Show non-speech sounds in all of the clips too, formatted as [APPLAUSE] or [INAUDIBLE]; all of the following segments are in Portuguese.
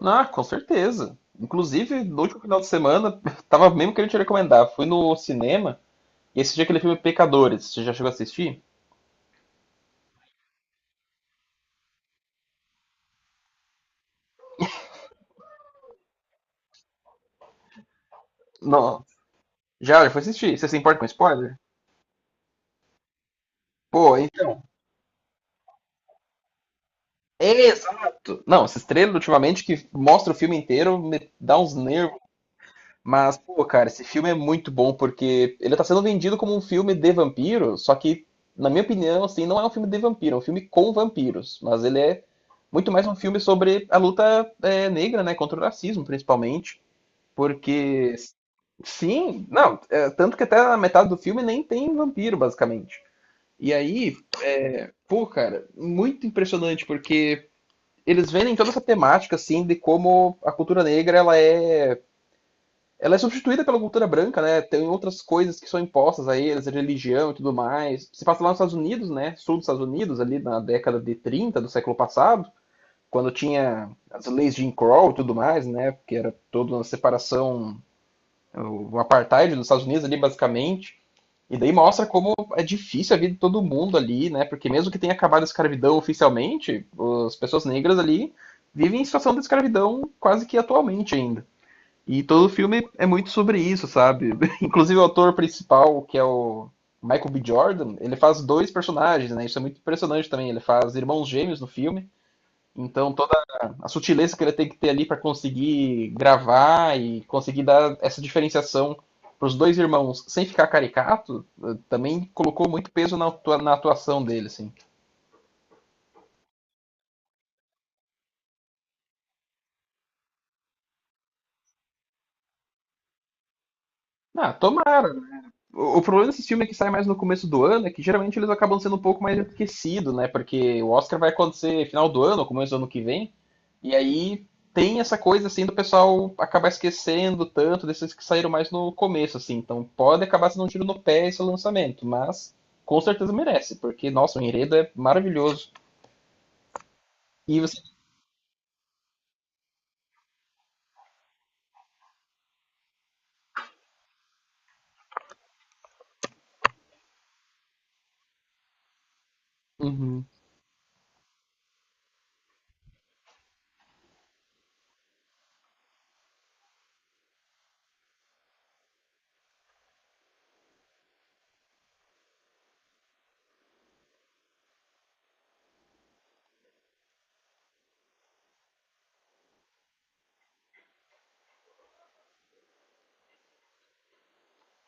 Ah, com certeza. Inclusive, no último final de semana, [LAUGHS] tava mesmo querendo te recomendar. Fui no cinema e assisti aquele filme Pecadores. Você já chegou a assistir? Não. Já foi assistir. Você se importa com spoiler? Pô, então. Exato! Não, esses trailers ultimamente que mostra o filme inteiro me dá uns nervos. Mas, pô, cara, esse filme é muito bom porque ele tá sendo vendido como um filme de vampiro, só que, na minha opinião, assim, não é um filme de vampiro, é um filme com vampiros. Mas ele é muito mais um filme sobre a luta negra, né, contra o racismo, principalmente. Porque, sim, não, tanto que até a metade do filme nem tem vampiro, basicamente. E aí, pô, cara, muito impressionante porque eles vendem toda essa temática, assim, de como a cultura negra, ela é substituída pela cultura branca, né? Tem outras coisas que são impostas a eles, a religião e tudo mais. Se passa lá nos Estados Unidos, né? Sul dos Estados Unidos, ali na década de 30 do século passado, quando tinha as leis de Jim Crow e tudo mais, né? Porque era toda uma separação, o apartheid dos Estados Unidos ali, basicamente. E daí mostra como é difícil a vida de todo mundo ali, né? Porque mesmo que tenha acabado a escravidão oficialmente, as pessoas negras ali vivem em situação de escravidão quase que atualmente ainda. E todo o filme é muito sobre isso, sabe? [LAUGHS] Inclusive o ator principal, que é o Michael B. Jordan, ele faz dois personagens, né? Isso é muito impressionante também. Ele faz irmãos gêmeos no filme. Então toda a sutileza que ele tem que ter ali para conseguir gravar e conseguir dar essa diferenciação para os dois irmãos sem ficar caricato, eh, também colocou muito peso na, na atuação dele, assim. Ah, tomara. O problema desses filmes que saem mais no começo do ano é que geralmente eles acabam sendo um pouco mais esquecidos, né? Porque o Oscar vai acontecer final do ano, começo do ano que vem, e aí tem essa coisa assim do pessoal acabar esquecendo tanto desses que saíram mais no começo, assim. Então pode acabar sendo um tiro no pé esse lançamento, mas com certeza merece, porque, nossa, o enredo é maravilhoso. E você. Uhum.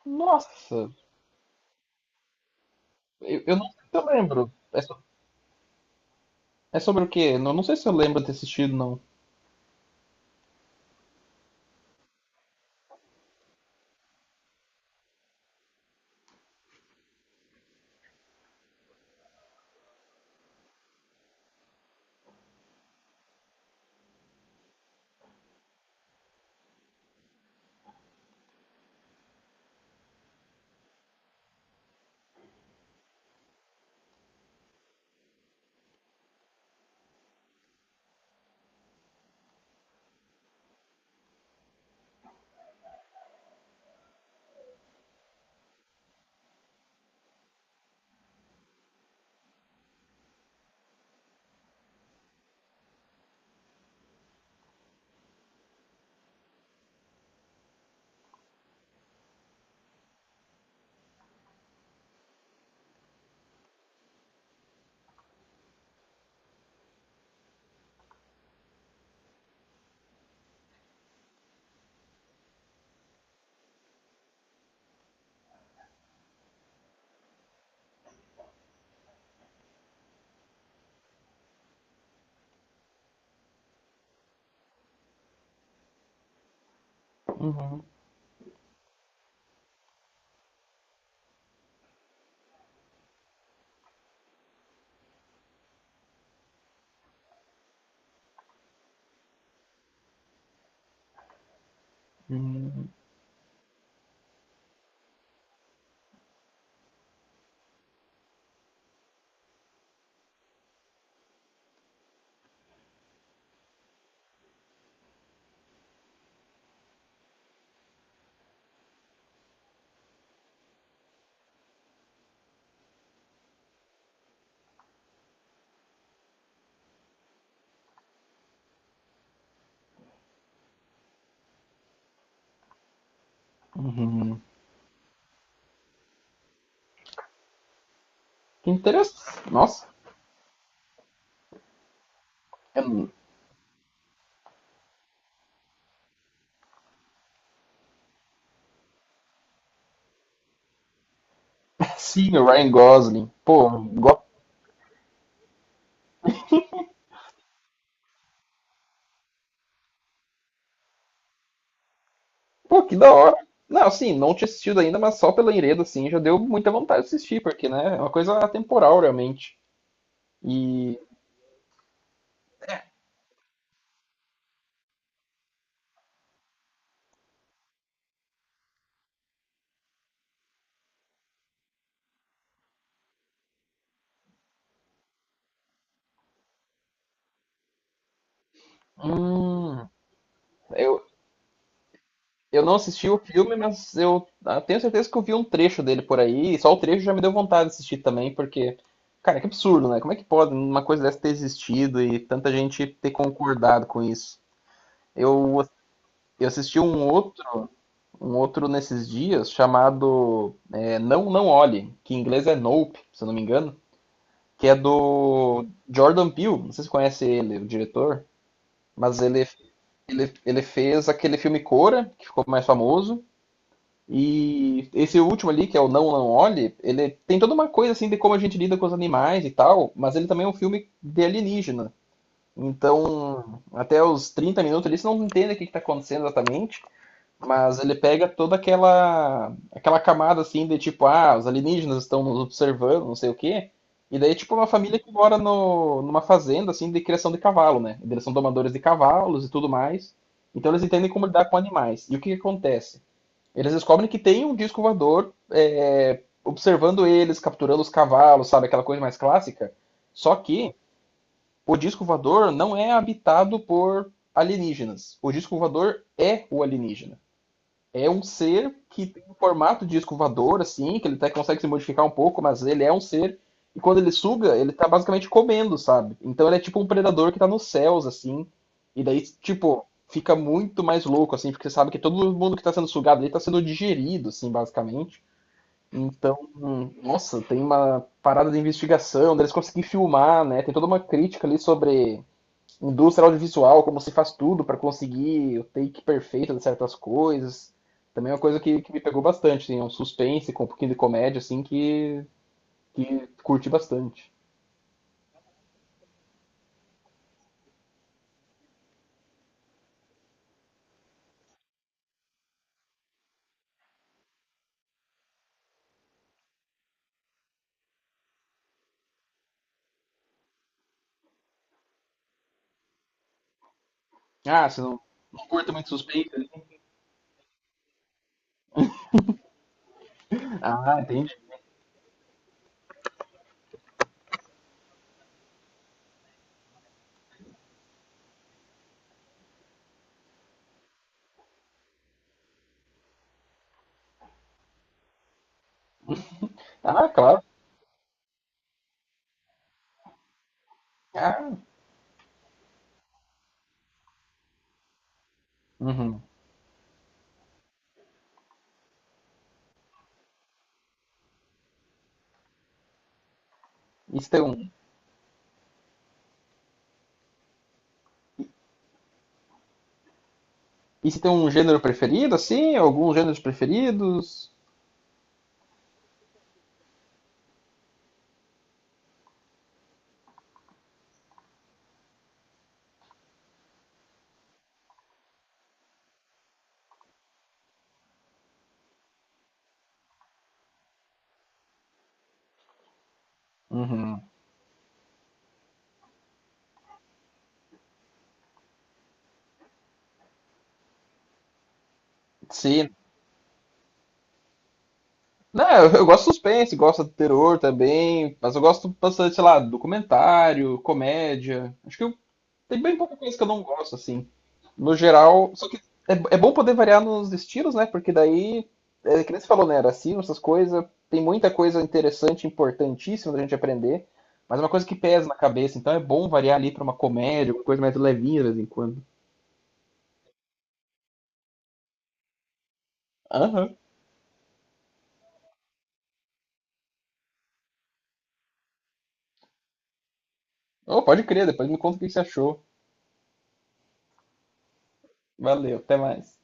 Nossa, eu não sei se eu lembro. É sobre o quê? Não, não sei se eu lembro de ter assistido, não. Uhum. Uhum. Uhum. Que interessante. Nossa, eu não- [LAUGHS] sim, o Ryan Gosling. Pô, que da hora. Não, assim, não tinha assistido ainda, mas só pela enredo, assim, já deu muita vontade de assistir, porque, né, é uma coisa atemporal, realmente. E, hum, eu, eu não assisti o filme, mas eu ah, tenho certeza que eu vi um trecho dele por aí, e só o trecho já me deu vontade de assistir também, porque, cara, que absurdo, né? Como é que pode uma coisa dessa ter existido e tanta gente ter concordado com isso? Eu, eu assisti um outro nesses dias chamado Não Não Olhe, que em inglês é Nope, se eu não me engano, que é do Jordan Peele, não sei se você conhece ele, o diretor, mas ele fez aquele filme Cora, que ficou mais famoso, e esse último ali, que é o Não Não Olhe, ele tem toda uma coisa assim de como a gente lida com os animais e tal, mas ele também é um filme de alienígena. Então, até os 30 minutos ali, você não entende o que está acontecendo exatamente, mas ele pega toda aquela camada assim de tipo, ah, os alienígenas estão nos observando, não sei o quê. E daí, tipo, uma família que mora no, numa fazenda assim de criação de cavalo, né? Eles são domadores de cavalos e tudo mais. Então eles entendem como lidar com animais. E o que, que acontece? Eles descobrem que tem um disco voador observando eles, capturando os cavalos, sabe? Aquela coisa mais clássica. Só que o disco voador não é habitado por alienígenas. O disco voador é o alienígena. É um ser que tem o formato de escovador, assim, que ele até consegue se modificar um pouco, mas ele é um ser. E quando ele suga, ele tá basicamente comendo, sabe? Então ele é tipo um predador que tá nos céus, assim. E daí, tipo, fica muito mais louco, assim, porque você sabe que todo mundo que tá sendo sugado ali tá sendo digerido, assim, basicamente. Então, nossa, tem uma parada de investigação, deles conseguir filmar, né? Tem toda uma crítica ali sobre indústria audiovisual, como se faz tudo para conseguir o take perfeito de certas coisas. Também é uma coisa que me pegou bastante, assim, é um suspense com um pouquinho de comédia, assim, que curti bastante. Ah, você não, curta muito suspense? Né? Ah, entendi. Ah, claro. Ah, uhum. E você tem um, e você tem um gênero preferido, assim? Alguns gêneros preferidos? Uhum. Sim. Não, eu gosto de suspense, gosto de terror também, mas eu gosto bastante, sei lá, documentário, comédia. Acho que tem bem pouca coisa que eu não gosto, assim. No geral, só que é bom poder variar nos estilos, né? Porque daí, que nem você falou, né? Racismo, essas coisas, tem muita coisa interessante, importantíssima da gente aprender, mas é uma coisa que pesa na cabeça, então é bom variar ali pra uma comédia, uma coisa mais levinha de vez em quando. Aham. Oh, pode crer, depois me conta o que você achou. Valeu, até mais.